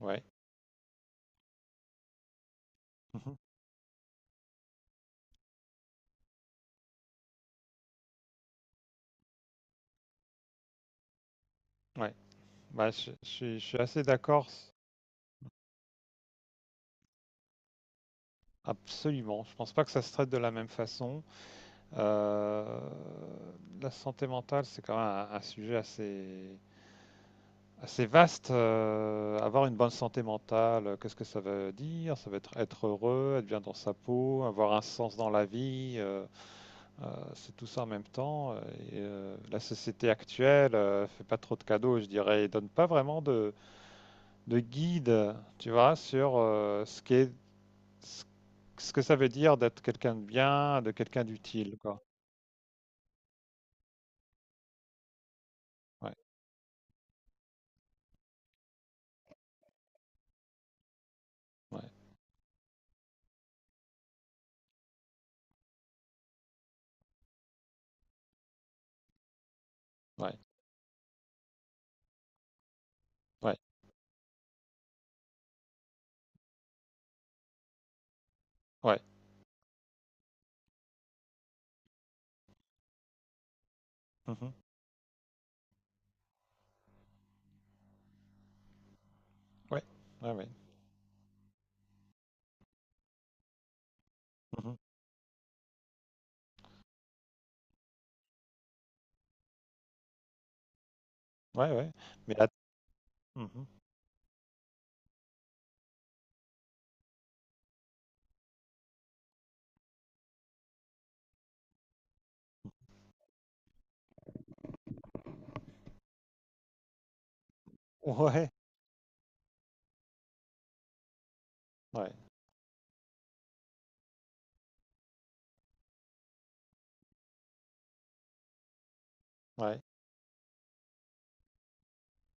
Ouais. Mhm. Ouais. Bah, je suis assez d'accord, absolument. Je pense pas que ça se traite de la même façon. Euh, la santé mentale, c'est quand même un sujet assez, assez vaste. Avoir une bonne santé mentale, qu'est-ce que ça veut dire? Ça veut être heureux, être bien dans sa peau, avoir un sens dans la vie. C'est tout ça en même temps. Et, la société actuelle, fait pas trop de cadeaux, je dirais, et donne pas vraiment de guide, tu vois, sur ce qu'est, ce ce que ça veut dire d'être quelqu'un de bien, de quelqu'un d'utile, quoi. Ouais, ouais, ouais, ouais, ouais. Mhm. Ouais, ouais, ouais. Mhm. Ouais, ouais. Mais là. Mhm. Ouais, ouais, ouais.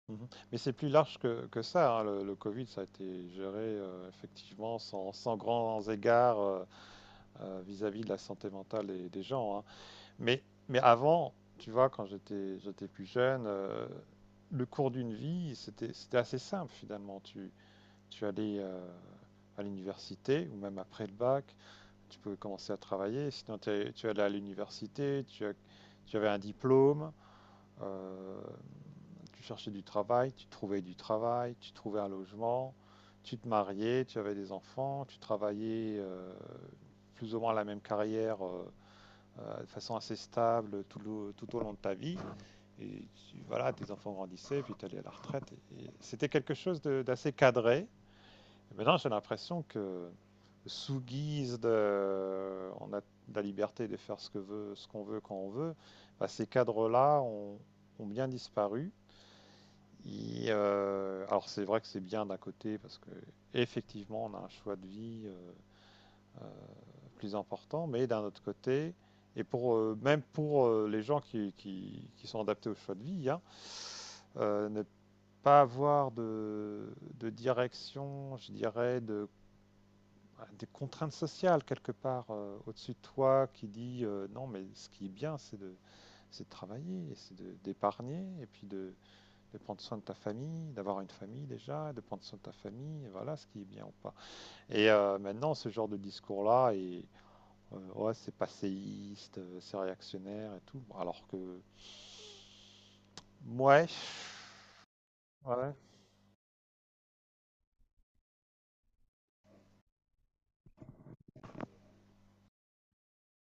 Mhm. Mais c'est plus large que ça, hein. Le Covid, ça a été géré effectivement sans grands égards, vis-à-vis de la santé mentale des gens, hein. Mais, mais avant, tu vois, quand j'étais plus jeune, le cours d'une vie, c'était assez simple finalement. Tu allais à l'université ou même après le bac, tu pouvais commencer à travailler. Sinon, tu allais à l'université, tu avais un diplôme, euh, tu cherchais du travail, tu trouvais du travail, tu trouvais un logement, tu te mariais, tu avais des enfants, tu travaillais plus ou moins la même carrière, de façon assez stable tout au long de ta vie. Et voilà, tes enfants grandissaient, puis tu allais à la retraite. Et c'était quelque chose d'assez cadré. Et maintenant, j'ai l'impression que sous guise de, on a de la liberté de faire ce qu'on veut quand on veut, bah, ces cadres-là ont bien disparu. Et, alors c'est vrai que c'est bien d'un côté parce que effectivement on a un choix de vie, euh, plus important, mais d'un autre côté, et pour même pour les gens qui sont adaptés au choix de vie, hein, ne pas avoir de, direction, je dirais, des contraintes sociales quelque part au-dessus de toi qui dit non, mais ce qui est bien, c'est de travailler, d'épargner, et puis de prendre soin de ta famille, d'avoir une famille déjà, de prendre soin de ta famille, et voilà ce qui est bien ou pas. Et maintenant, ce genre de discours-là est, ouais, c'est passéiste, c'est réactionnaire et tout. Alors que. Ouais. Ouais. Ouais.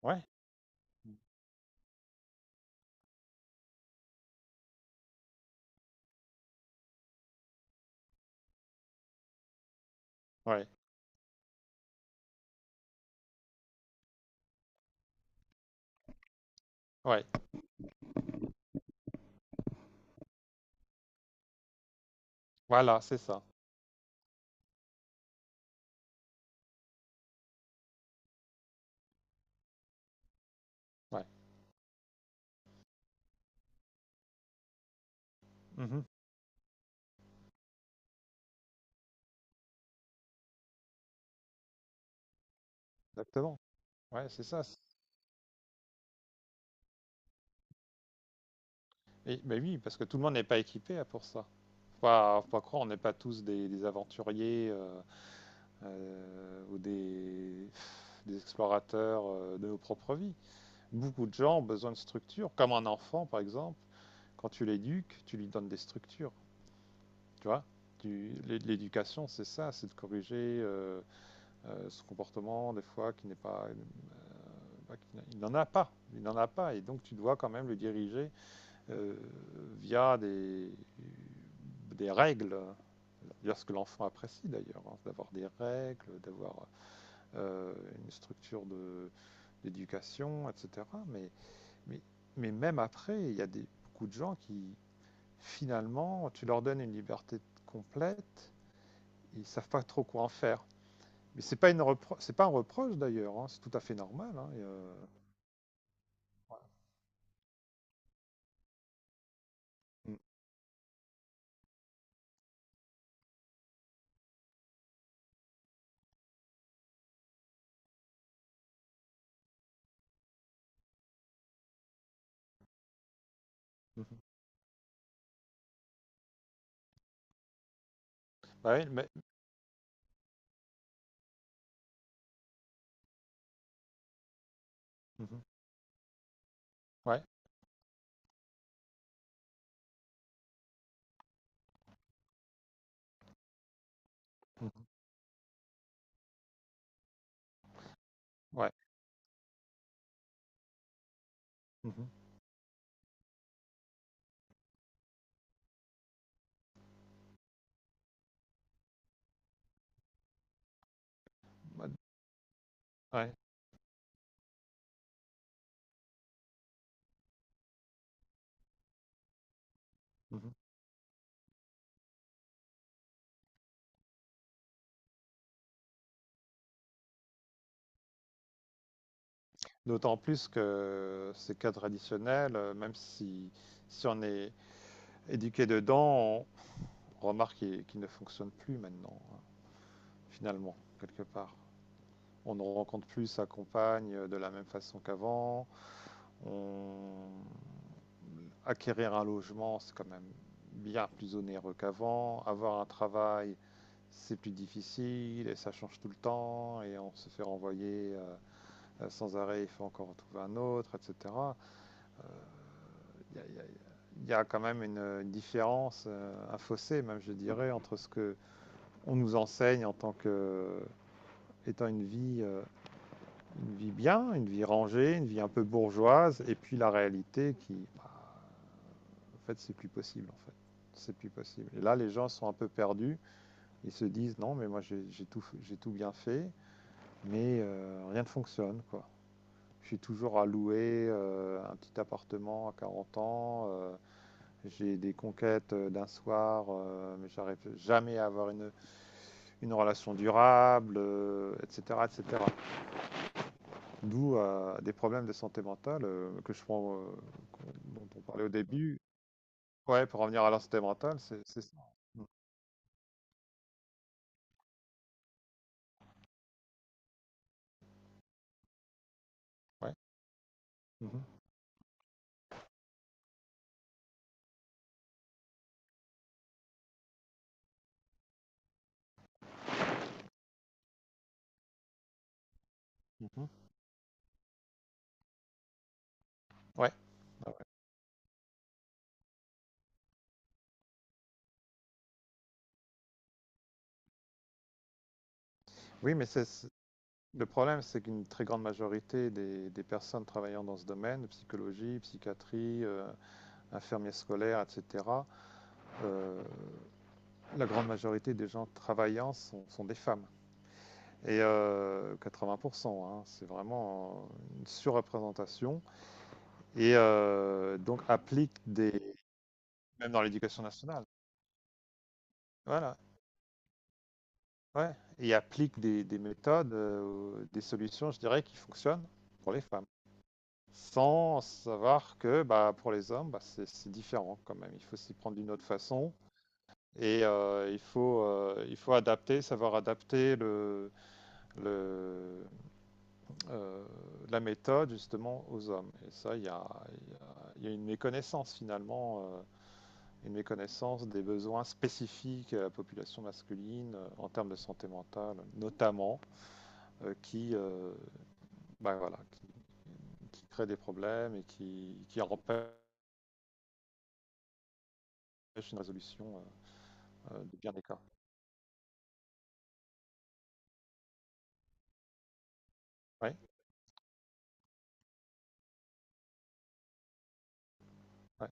Ouais. Ouais. Ouais. Voilà, c'est ça. Ouais. Mhm. Exactement. Ouais, c'est ça. Et, mais oui, parce que tout le monde n'est pas équipé, hein, pour ça. Faut pas croire, on n'est pas tous des, aventuriers, ou des, explorateurs de nos propres vies. Beaucoup de gens ont besoin de structures, comme un enfant par exemple. Quand tu l'éduques, tu lui donnes des structures. Tu vois. L'éducation, c'est ça, c'est de corriger ce comportement, des fois, qui n'est pas. Pas- qui n'a- Il n'en a pas. Il n'en a pas. Et donc, tu dois quand même le diriger euh, via des, règles. D'ailleurs, ce que l'enfant apprécie, d'ailleurs, hein, d'avoir des règles, d'avoir euh, une structure d'éducation, etc. Mais, mais même après, il y a beaucoup de gens qui, finalement, tu leur donnes une liberté complète, ils savent pas trop quoi en faire. Mais c'est pas c'est pas un reproche d'ailleurs, hein, c'est tout à fait normal, hein, et, voilà. Mhm. Mhm. Bah oui, mais. Mhm. Ouais. Mhm. Ouais. Mhm. Ouais. Ouais. Mhm. D'autant plus que ces cadres traditionnels, même si on est éduqué dedans, on remarque qu'ils ne fonctionnent plus maintenant, hein, finalement, quelque part. On ne rencontre plus sa compagne de la même façon qu'avant. On acquérir un logement, c'est quand même bien plus onéreux qu'avant. Avoir un travail, c'est plus difficile et ça change tout le temps et on se fait renvoyer sans arrêt, il faut encore en trouver un autre, etc. Il y a, il y a- il y a quand même une différence, un fossé même, je dirais, entre ce que on nous enseigne en tant que étant une vie bien, une vie rangée, une vie un peu bourgeoise, et puis la réalité qui, bah, en fait, c'est plus possible, en fait. C'est plus possible. Et là, les gens sont un peu perdus. Ils se disent, non, mais moi, j'ai tout bien fait, mais rien ne fonctionne, quoi. Je suis toujours à louer un petit appartement à 40 ans. J'ai des conquêtes d'un soir, mais j'arrive jamais à avoir une relation durable, etc., etc. D'où des problèmes de santé mentale que je prends, dont on parlait au début. Ouais, pour revenir à la santé mentale, c'est ça. Mm. Ouais. Mhm. Mmh. Ouais, ouais, ouais. Oui, mais c'est le problème, c'est qu'une très grande majorité des personnes travaillant dans ce domaine, psychologie, psychiatrie, infirmiers scolaires et cetera, heu, la grande majorité des gens travaillant sont des femmes et 80, hein. C'est vraiment une surreprésentation et donc applique des, même dans l'éducation nationale. Voilà, ouais, et applique des méthodes, des solutions, je dirais, qui fonctionnent pour les femmes, sans savoir que bah, pour les hommes, bah, c'est différent quand même. Il faut s'y prendre d'une autre façon et il faut adapter, savoir adapter le, euh, la méthode justement aux hommes. Et ça, il y a une méconnaissance finalement, une méconnaissance des besoins spécifiques à la population masculine en termes de santé mentale, notamment, qui, bah, voilà, qui crée des problèmes et qui empêche une résolution. De bien des. Ouais, ouais,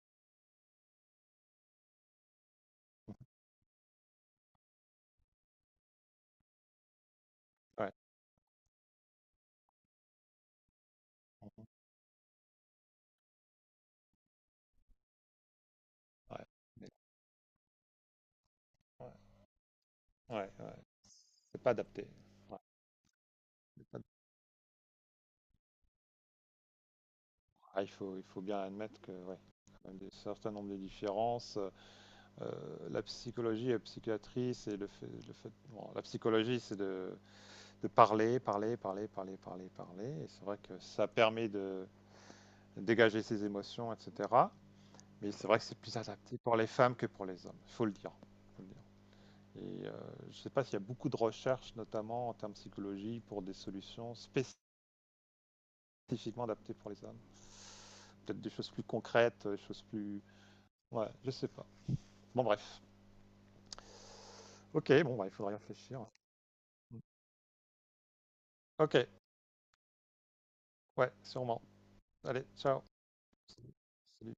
ouais. Mhm. Ouais, mais- ouais, ouais, ouais. C'est pas adapté. Ouais, c'est pas- ah, il faut bien admettre que, ouais, quand même un certain nombre de différences. La psychologie et la psychiatrie, c'est le fait, bon, la psychologie, c'est de parler, parler, parler, parler, parler, parler. Et c'est vrai que ça permet de dégager ses émotions, etc. Mais c'est vrai que c'est plus adapté pour les femmes que pour les hommes. Il faut le dire. Et je ne sais pas s'il y a beaucoup de recherches, notamment en termes de psychologie, pour des solutions spécifiquement adaptées pour les hommes. Peut-être des choses plus concrètes, des choses plus. Ouais, je sais pas. Bon, bref. Ok, bon, bah, il faudra y réfléchir. Ok, ouais, sûrement. Allez, ciao. Salut.